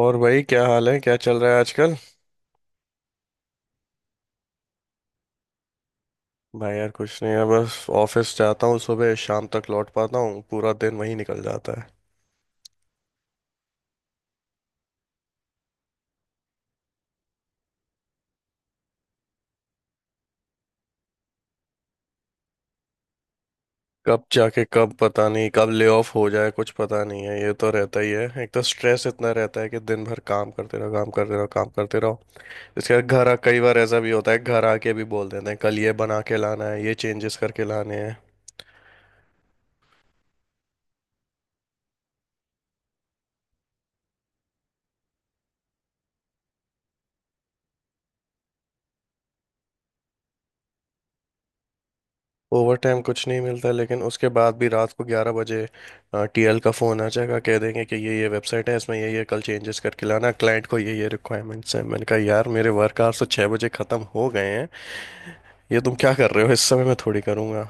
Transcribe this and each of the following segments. और भाई, क्या हाल है? क्या चल रहा है आजकल? भाई यार कुछ नहीं है, बस ऑफिस जाता हूँ। सुबह शाम तक लौट पाता हूँ, पूरा दिन वहीं निकल जाता है। कब जाके, कब पता नहीं कब ले ऑफ हो जाए, कुछ पता नहीं है, ये तो रहता ही है। एक तो स्ट्रेस इतना रहता है कि दिन भर काम करते रहो, काम करते रहो, काम करते रहो। इसके बाद घर आ, कई बार ऐसा भी होता है, घर आके भी बोल देते हैं कल ये बना के लाना है, ये चेंजेस करके लाने हैं। ओवर टाइम कुछ नहीं मिलता, लेकिन उसके बाद भी रात को 11 बजे टीएल का फ़ोन आ जाएगा। कह देंगे कि ये वेबसाइट है, इसमें ये कल चेंजेस करके लाना, क्लाइंट को ये रिक्वायरमेंट्स हैं। मैंने कहा यार, मेरे वर्क आवर्स तो 6 बजे ख़त्म हो गए हैं, ये तुम क्या कर रहे हो इस समय? मैं थोड़ी करूँगा।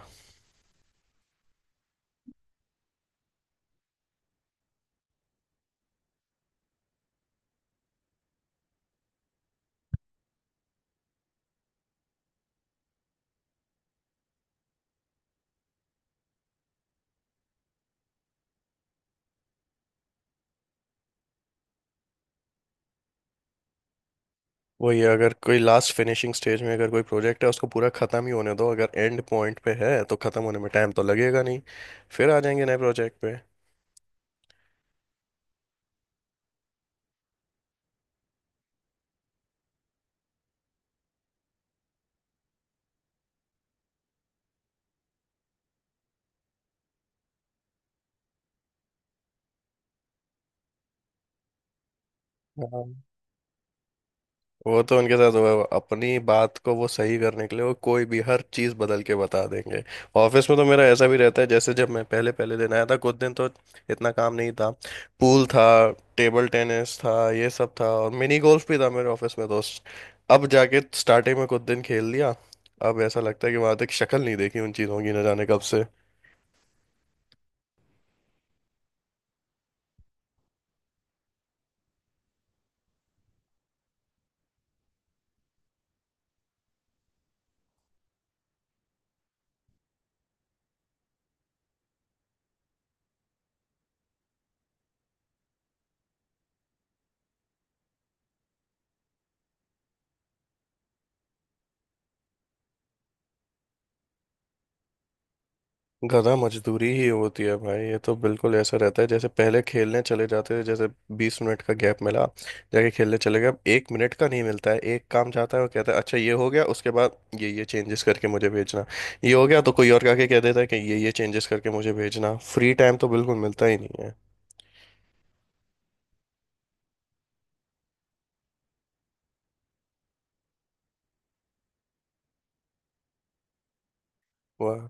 वही, अगर कोई लास्ट फिनिशिंग स्टेज में अगर कोई प्रोजेक्ट है, उसको पूरा ख़त्म ही होने दो। अगर एंड पॉइंट पे है तो ख़त्म होने में टाइम तो लगेगा नहीं, फिर आ जाएंगे नए प्रोजेक्ट पे। हाँ। वो तो उनके साथ हुआ है, वो अपनी बात को वो सही करने के लिए वो कोई भी हर चीज़ बदल के बता देंगे। ऑफिस में तो मेरा ऐसा भी रहता है, जैसे जब मैं पहले पहले दिन आया था, कुछ दिन तो इतना काम नहीं था। पूल था, टेबल टेनिस था, ये सब था, और मिनी गोल्फ भी था मेरे ऑफिस में, दोस्त। अब जाके स्टार्टिंग में कुछ दिन खेल लिया, अब ऐसा लगता है कि वहां तक शक्ल नहीं देखी उन चीज़ों की, न जाने कब से। गधा मजदूरी ही होती है भाई, ये तो बिल्कुल ऐसा रहता है। जैसे पहले खेलने चले जाते थे, जैसे 20 मिनट का गैप मिला, जाके खेलने चले गए। अब एक मिनट का नहीं मिलता है। एक काम जाता है, वो कहता है अच्छा ये हो गया, उसके बाद ये चेंजेस करके मुझे भेजना। ये हो गया तो कोई और आके कह देता है कि ये चेंजेस करके मुझे भेजना। फ्री टाइम तो बिल्कुल मिलता ही नहीं है। वाह।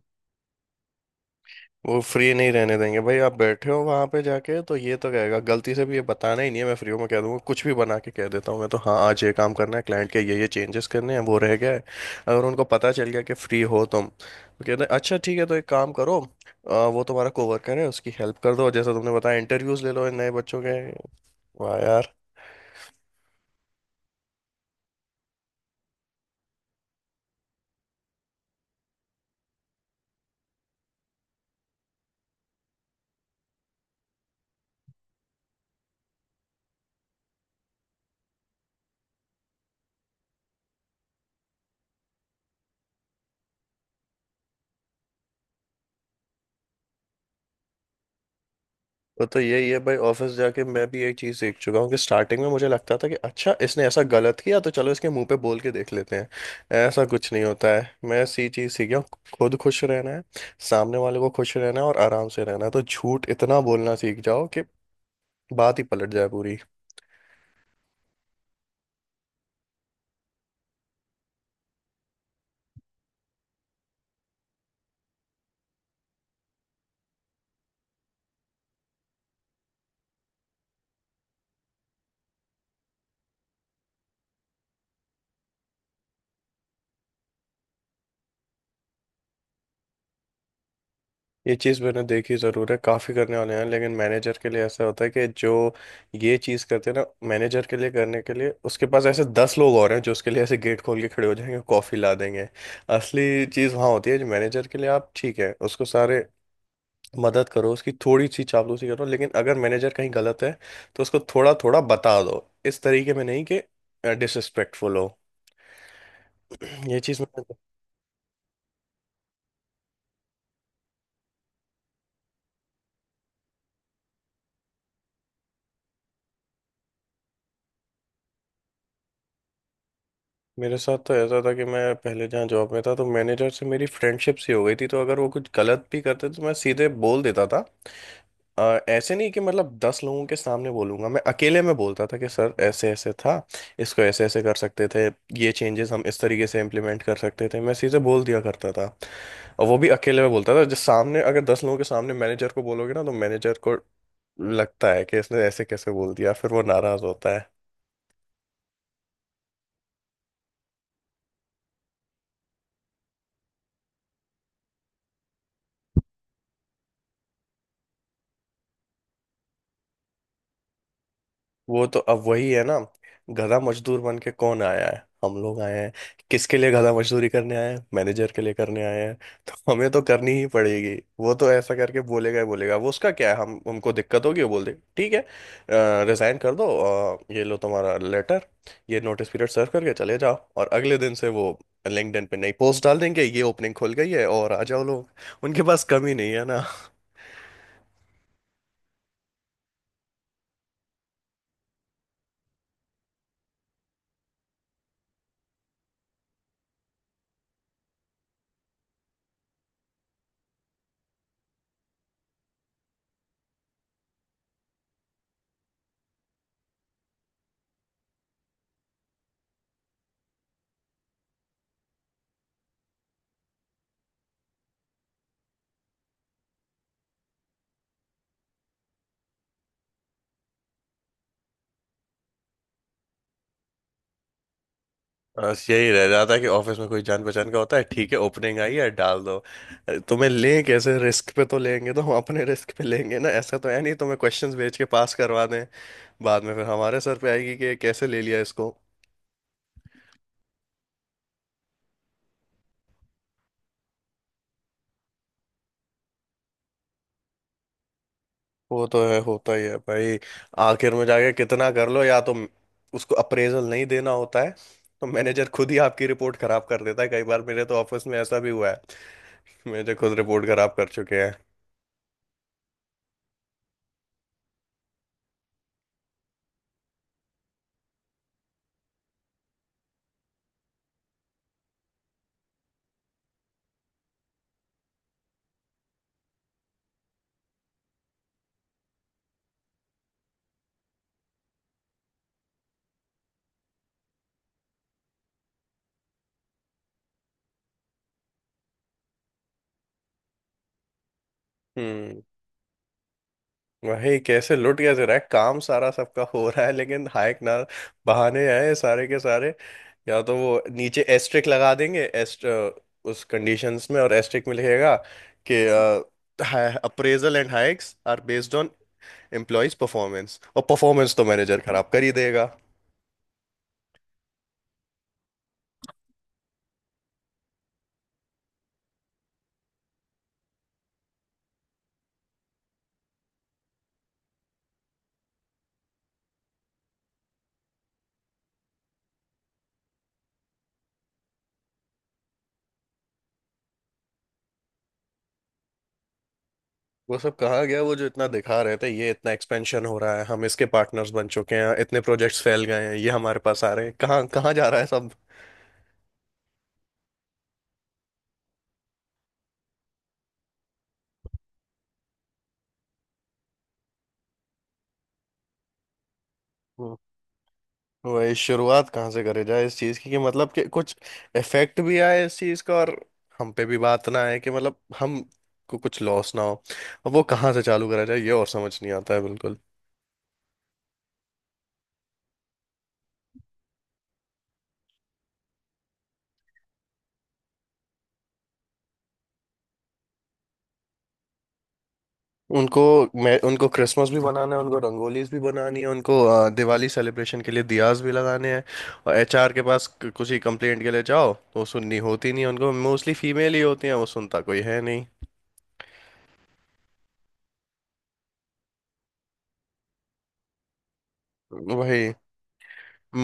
वो फ्री नहीं रहने देंगे भाई। आप बैठे हो वहां पे, जाके तो ये तो कहेगा, गलती से भी ये बताना ही नहीं है मैं फ्री हूँ। मैं कह दूंगा, कुछ भी बना के कह देता हूँ मैं तो, हाँ आज ये काम करना है, क्लाइंट के ये चेंजेस करने हैं, वो रह गया है। अगर उनको पता चल गया कि फ्री हो तुम, तो कहते हैं अच्छा ठीक है तो एक काम करो, वो तुम्हारा कोवर्कर है उसकी हेल्प कर दो, जैसा तुमने बताया इंटरव्यूज ले लो इन नए बच्चों के। वाह यार। वो तो यही है भाई, ऑफिस जाके मैं भी एक चीज सीख चुका हूँ कि स्टार्टिंग में मुझे लगता था कि अच्छा इसने ऐसा गलत किया तो चलो इसके मुंह पे बोल के देख लेते हैं। ऐसा कुछ नहीं होता है, मैं सी चीज सीख गया हूँ। खुद खुश रहना है, सामने वाले को खुश रहना है और आराम से रहना है, तो झूठ इतना बोलना सीख जाओ कि बात ही पलट जाए पूरी। ये चीज़ मैंने देखी ज़रूर है, काफ़ी करने वाले हैं, लेकिन मैनेजर के लिए ऐसा होता है कि जो ये चीज़ करते हैं ना मैनेजर के लिए, करने के लिए उसके पास ऐसे 10 लोग और हैं जो उसके लिए ऐसे गेट खोल के खड़े हो जाएंगे, कॉफ़ी ला देंगे। असली चीज़ वहाँ होती है जो मैनेजर के लिए आप ठीक है उसको सारे मदद करो, उसकी थोड़ी सी चापलूसी करो, लेकिन अगर मैनेजर कहीं गलत है तो उसको थोड़ा थोड़ा बता दो, इस तरीके में नहीं कि डिसरिस्पेक्टफुल हो। ये चीज़ मैंने मेरे साथ तो ऐसा था कि मैं पहले जहाँ जॉब में था तो मैनेजर से मेरी फ्रेंडशिप सी हो गई थी, तो अगर वो कुछ गलत भी करते तो मैं सीधे बोल देता था। अ, ऐसे नहीं कि मतलब 10 लोगों के सामने बोलूंगा, मैं अकेले में बोलता था कि सर ऐसे ऐसे था, इसको ऐसे ऐसे कर सकते थे, ये चेंजेस हम इस तरीके से इम्प्लीमेंट कर सकते थे। मैं सीधे बोल दिया करता था, और वो भी अकेले में बोलता था। जो सामने, अगर 10 लोगों के सामने मैनेजर को बोलोगे ना तो मैनेजर को लगता है कि इसने ऐसे कैसे बोल दिया, फिर वो नाराज होता है। वो तो अब वही है ना। गधा मजदूर बन के कौन आया है? हम लोग आए हैं। किसके लिए गधा मजदूरी करने आए हैं? मैनेजर के लिए करने आए हैं, तो हमें तो करनी ही पड़ेगी। वो तो ऐसा करके बोलेगा ही बोलेगा, वो उसका क्या है, हम हमको दिक्कत होगी वो बोल देगा ठीक है रिजाइन कर दो, ये लो तुम्हारा लेटर, ये नोटिस पीरियड सर्व करके चले जाओ। और अगले दिन से वो लिंक्डइन पे नई पोस्ट डाल देंगे, ये ओपनिंग खुल गई है और आ जाओ लोग। उनके पास कमी नहीं है ना। बस यही रह जाता है कि ऑफिस में कोई जान पहचान का होता है, ठीक है ओपनिंग आई है डाल दो। तुम्हें लें कैसे रिस्क पे? तो लेंगे तो हम अपने रिस्क पे लेंगे ना, ऐसा तो है नहीं तुम्हें क्वेश्चंस भेज के पास करवा दें, बाद में फिर हमारे सर पे आएगी कि कैसे ले लिया इसको। वो तो है, होता ही है भाई। आखिर में जाके कितना कर लो, या तो उसको अप्रेजल नहीं देना होता है तो मैनेजर खुद ही आपकी रिपोर्ट खराब कर देता है। कई बार मेरे तो ऑफिस में ऐसा भी हुआ है, मैनेजर खुद रिपोर्ट खराब कर चुके हैं। हम्म। भाई कैसे लुट, कैसे रहा है, काम सारा सबका हो रहा है लेकिन हाइक ना। बहाने आए सारे के सारे, या तो वो नीचे एस्ट्रिक लगा देंगे, एस्ट उस कंडीशंस में और एस्ट्रिक में लिखेगा कि appraisal and hikes are based on employees performance, और परफॉर्मेंस तो मैनेजर खराब कर ही देगा। वो सब कहाँ गया? वो जो इतना दिखा रहे थे ये इतना एक्सपेंशन हो रहा है, हम इसके पार्टनर्स बन चुके हैं, इतने प्रोजेक्ट्स फैल गए हैं ये हमारे पास आ रहे हैं, कहाँ कहाँ जा रहा है सब? वही शुरुआत कहाँ से करे जाए इस चीज की, कि मतलब कि कुछ इफेक्ट भी आए इस चीज का, और हम पे भी बात ना आए, कि मतलब हम को कुछ लॉस ना हो। अब वो कहाँ से चालू करा जाए ये, और समझ नहीं आता है बिल्कुल। उनको मैं उनको क्रिसमस भी बनाना है, उनको रंगोलीज भी बनानी है, उनको दिवाली सेलिब्रेशन के लिए दियाज भी लगाने हैं। और एचआर के पास कुछ ही कंप्लेंट के लिए जाओ तो वो सुननी होती नहीं है उनको, मोस्टली फीमेल ही होती हैं, वो सुनता कोई है नहीं। वही,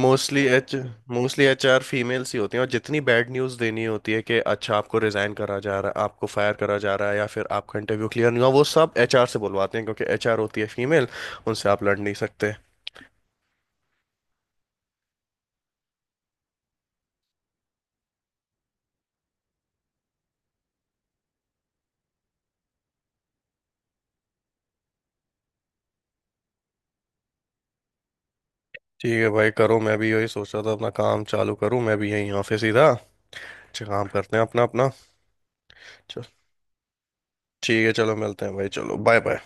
mostly H mostly HR females ही होती हैं, और जितनी बैड न्यूज़ देनी होती है कि अच्छा आपको रिजाइन करा जा रहा है, आपको फायर करा जा रहा है, या फिर आपका इंटरव्यू क्लियर नहीं हुआ, वो सब एचआर से बुलवाते हैं, क्योंकि एचआर होती है फीमेल, उनसे आप लड़ नहीं सकते। ठीक है भाई, करो। मैं भी यही सोच रहा था अपना काम चालू करूं, मैं भी यहीं ऑफिस ही था। अच्छा, काम करते हैं अपना अपना। चल। ठीक है, चलो मिलते हैं भाई, चलो, बाय बाय।